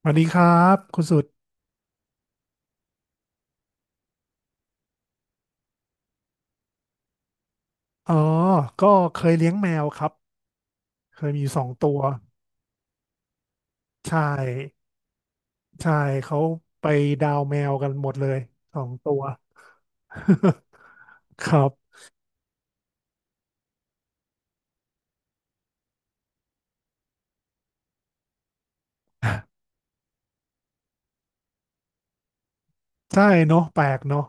สวัสดีครับคุณสุดอ๋อก็เคยเลี้ยงแมวครับเคยมีอยู่สองตัวใช่ใช่เขาไปดาวแมวกันหมดเลยสองตัว ครับใช่เนาะแปลกเนาะ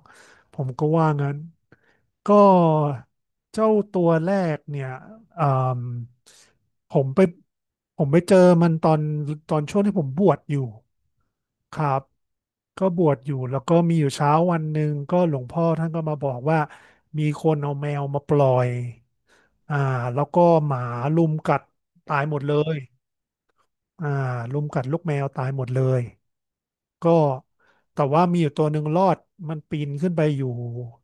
ผมก็ว่างั้นก็เจ้าตัวแรกเนี่ยอ่ามผมไปผมไปเจอมันตอนช่วงที่ผมบวชอยู่ ครับก็บวชอยู่แล้วก็มีอยู่เช้าวันหนึ่งก็หลวงพ่อท่านก็มาบอกว่ามีคนเอาแมวมาปล่อยอ่าแล้วก็หมารุมกัดตายหมดเลยอ่ารุมกัดลูกแมวตายหมดเลยก็แต่ว่ามีอยู่ตัวหนึ่งรอดมันปีนขึ้นไปอยู่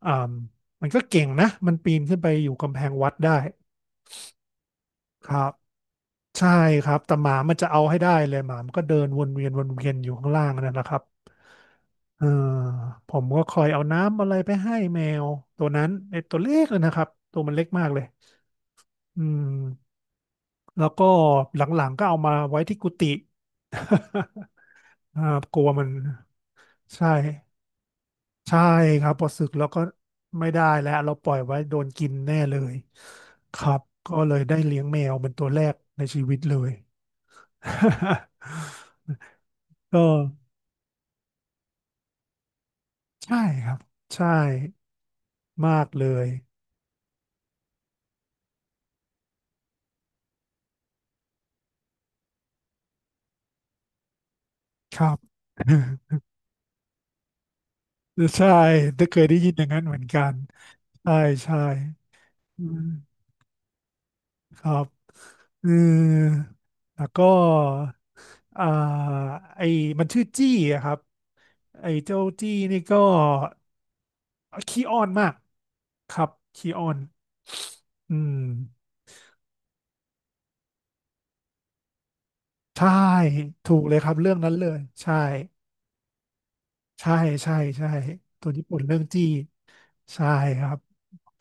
อ่ามันก็เก่งนะมันปีนขึ้นไปอยู่กำแพงวัดได้ครับ ใช่ครับแต่หมามันจะเอาให้ได้เลยหมามันก็เดินวนเวียนวนเวียนอยู่ข้างล่างนั่นนะครับเออผมก็คอยเอาน้ำอะไรไปให้แมวตัวนั้นไอ้ตัวเล็กเลยนะครับตัวมันเล็กมากเลยอืมแล้วก็หลังๆก็เอามาไว้ที่กุฏิ อ่ากลัวมันใช่ใช่ครับพอสึกแล้วก็ไม่ได้แล้วเราปล่อยไว้โดนกินแน่เลยครับก็เลยได้เลี้ยงแมวเป็นตัวแรกในชีวิตเลย ก็ใช่ครับใช่มากเลยครับ ใช่ได้เคยได้ยินอย่างนั้นเหมือนกันใช่ใช่อืมครับเออแล้วก็อ่าไอ้มันชื่อจี้อะครับไอ้เจ้าจี้นี่ก็ขี้อ้อนมากครับขี้อ้อนอืมใช่ถูกเลยครับเรื่องนั้นเลยใช่ใช่ใช่ใช่ตัวญี่ปุ่นเรื่องจี้ ใช่ครับ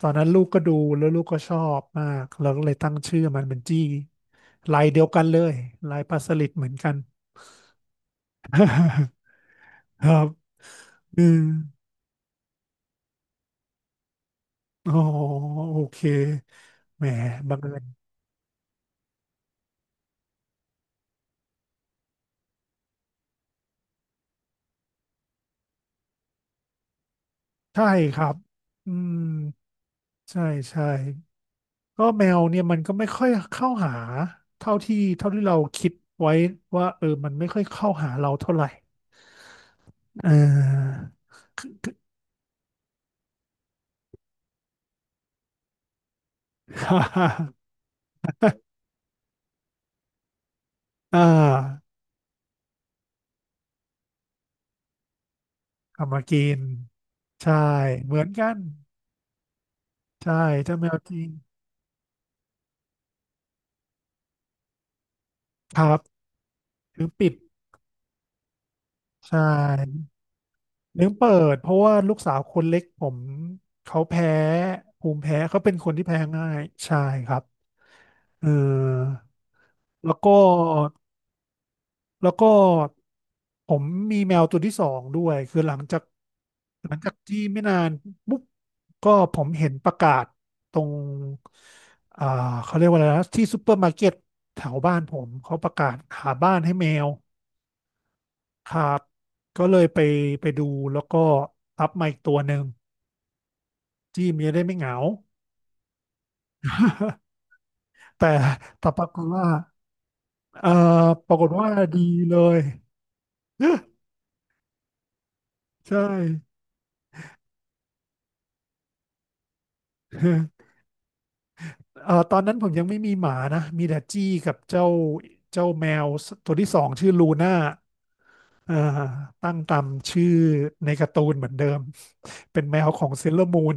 ตอนนั้นลูกก็ดูแล้วลูกก็ชอบมากเราก็เลยตั้งชื่อมันเป็นจี้ลายเดียวกันเลยลายปลาสลิดเหมือนกัน ครับอืมอ๋อโอเคแหมบังเอิญใช่ครับอืมใช่ใช่ก็แมวเนี่ยมันก็ไม่ค่อยเข้าหาเท่าที่เราคิดไว้ว่าเออมันไม่ค่อยเข้าหาเราเท่าไหร่เออ อ่า ทำมากินใช่เหมือนกันใช่เจ้าแมวจริงครับลืมปิดใช่ลืมเปิดเพราะว่าลูกสาวคนเล็กผมเขาแพ้ภูมิแพ้เขาเป็นคนที่แพ้ง่ายใช่ครับเออแล้วก็ แล้วก็ผมมีแมวตัวที่สองด้วยคือหลังจากที่ไม่นานปุ๊บก็ผมเห็นประกาศตรงอ่าเขาเรียกว่าอะไรนะที่ซูเปอร์มาร์เก็ตแถวบ้านผมเขาประกาศหาบ้านให้แมวครับก็เลยไปดูแล้วก็อัพมาอีกตัวหนึ่งที่มันจะได้ไม่เหงา แต่แต่ปรากฏว่าดีเลยใช่ ตอนนั้นผมยังไม่มีหมานะ มีแต่จี้กับเจ้าแมวตัวที่สองชื่อลูน่าอ่าตั้งตามชื่อในการ์ตูนเหมือนเดิมเป็นแมวของเซเลอร์มูน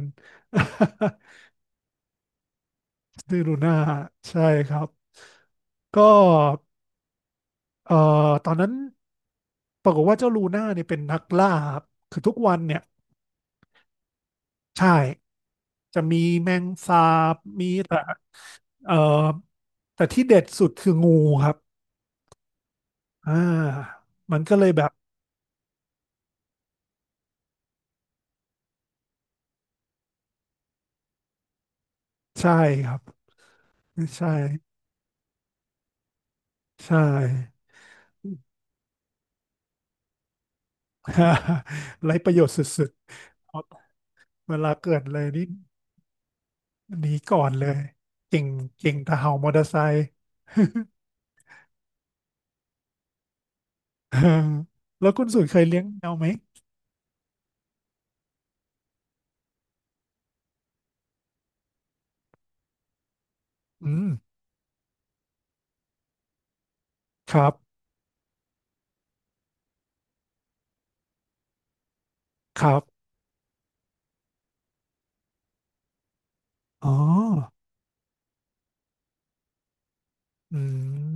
ชื่อลูน่าใช่ครับก็เอ่อตอนนั้นปรากฏว่าเจ้าลูน่าเนี่ยเป็นนักล่าครับคือทุกวันเนี่ยใช่จะมีแมงสาบมีแต่เอ่อแต่ที่เด็ดสุดคืองูครับอ่ามันก็เลยแบบใช่ครับ ใช่ใช่ ไร้ประโยชน์สุดๆเวลาเกิดเลยนี่หนีก่อนเลยเก่งเก่งแต่เห่ามอเตอร์ไซค์ เออแล้วคุณสุดเคยเลี้ยงแมวไหมอืมครับครับอ๋ออืม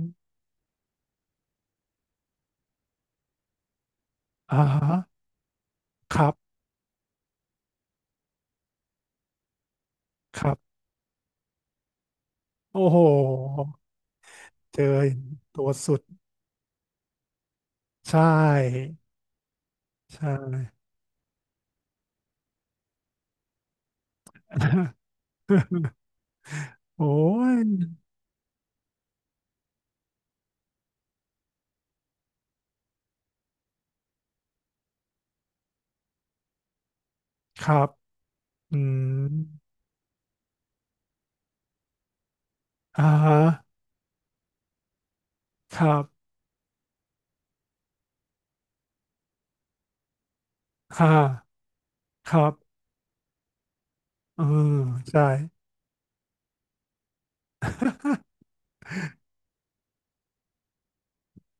อ่าฮะครับครับโอ้โหเจอตัวสุดใช่ใช่ โอ้ยครับอืมอ่าฮะครับค่ะครับ เออใช่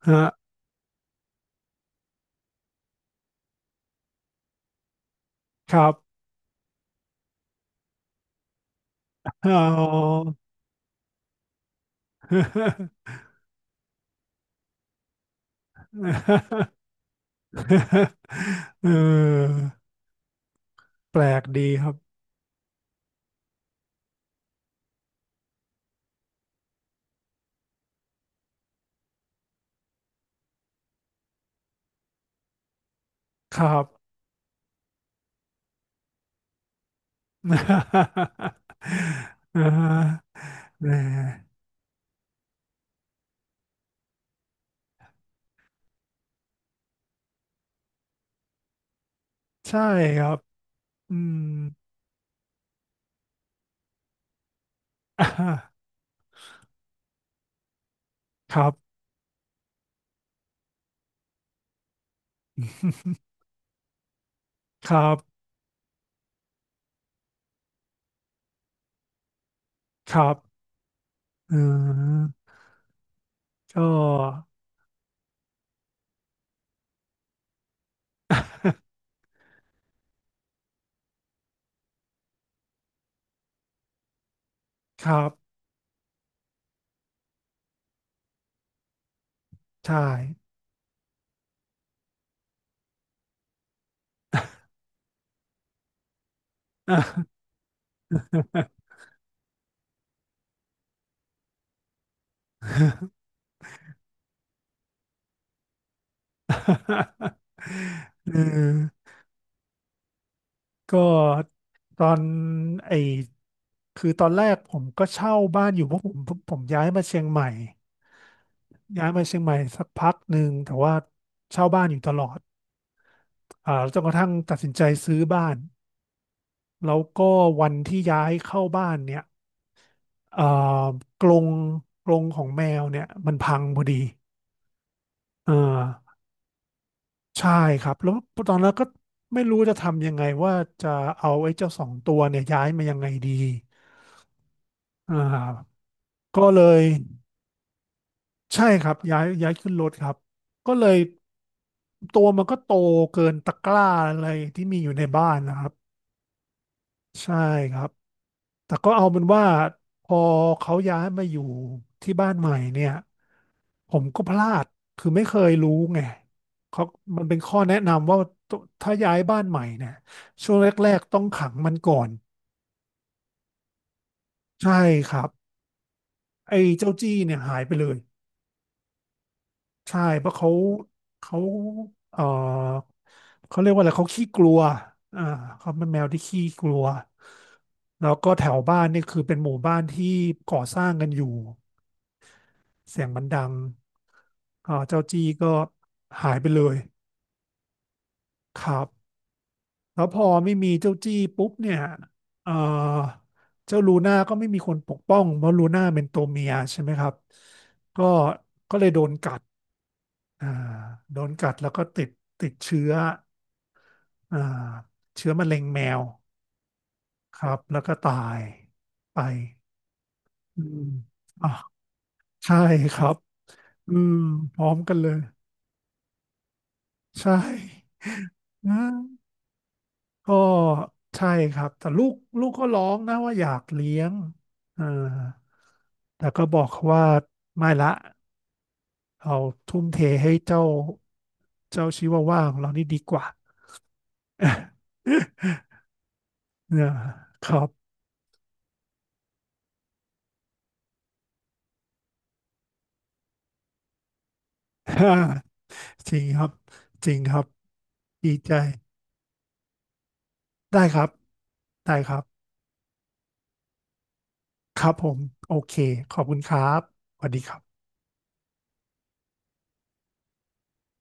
ฮะครับอ๋อ เออแปลกดีครับครับ อ่าแหมใช่ครับอืม อ่าครับ ครับครับเออก็ครับใช่ เออ ก็ตอนไอคือตอนแรกผมก็เช่าบ้านอยู่เพราะผมย้ายมาเชียงใหม่ย้ายมาเชียงใหม่สักพักหนึ่งแต่ว่าเช่าบ้านอยู่ตลอดจนกระทั่งตัดสินใจซื้อบ้านแล้วก็วันที่ย้ายเข้าบ้านเนี่ยเอ่อกรงกรงของแมวเนี่ยมันพังพอดีเออใช่ครับแล้วตอนนั้นก็ไม่รู้จะทำยังไงว่าจะเอาไอ้เจ้าสองตัวเนี่ยย้ายมายังไงดีอ่าก็เลย ใช่ครับย้ายขึ้นรถครับก็เลยตัวมันก็โตเกินตะกร้าอะไรที่มีอยู่ในบ้านนะครับใช่ครับแต่ก็เอาเป็นว่าพอเขาย้ายมาอยู่ที่บ้านใหม่เนี่ยผมก็พลาดคือไม่เคยรู้ไงเขามันเป็นข้อแนะนำว่าตัวถ้าย้ายบ้านใหม่เนี่ยช่วงแรกๆต้องขังมันก่อนใช่ครับไอ้เจ้าจี้เนี่ยหายไปเลย ใช่เพราะเขาเออเขาเรียกว่าอะไรเขาขี้กลัวอ่าเขาเป็นแมวที่ขี้กลัวแล้วก็แถวบ้านนี่คือเป็นหมู่บ้านที่ก่อสร้างกันอยู่เสียงมันดังเจ้าจี้ก็หายไปเลยครับแล้วพอไม่มีเจ้าจี้ปุ๊บเนี่ยเออเจ้าลูน่าก็ไม่มีคนปกป้องเพราะลูน่าเป็นตัวเมียใช่ไหมครับก็อ่าโดนกัดแล้วก็ติดเชื้อ อ่าเชื้อมะเร็งแมวครับแล้วก็ตายไปอืมอ่ะใช่ครับอืมพร้อมกันเลยใช่นะก็ใช่ครับแต่ลูกก็ร้องนะว่าอยากเลี้ยงอ่าแต่ก็บอกเขาว่าไม่ละเอาทุ่มเทให้เจ้าชิวาว่าของเรานี่ดีกว่า เนี่ยครับ จริงครับจริงครับดีใจ ได้ครับ ได้ครับ ครับผม โอเค ขอบคุณครับสวัสดีครับ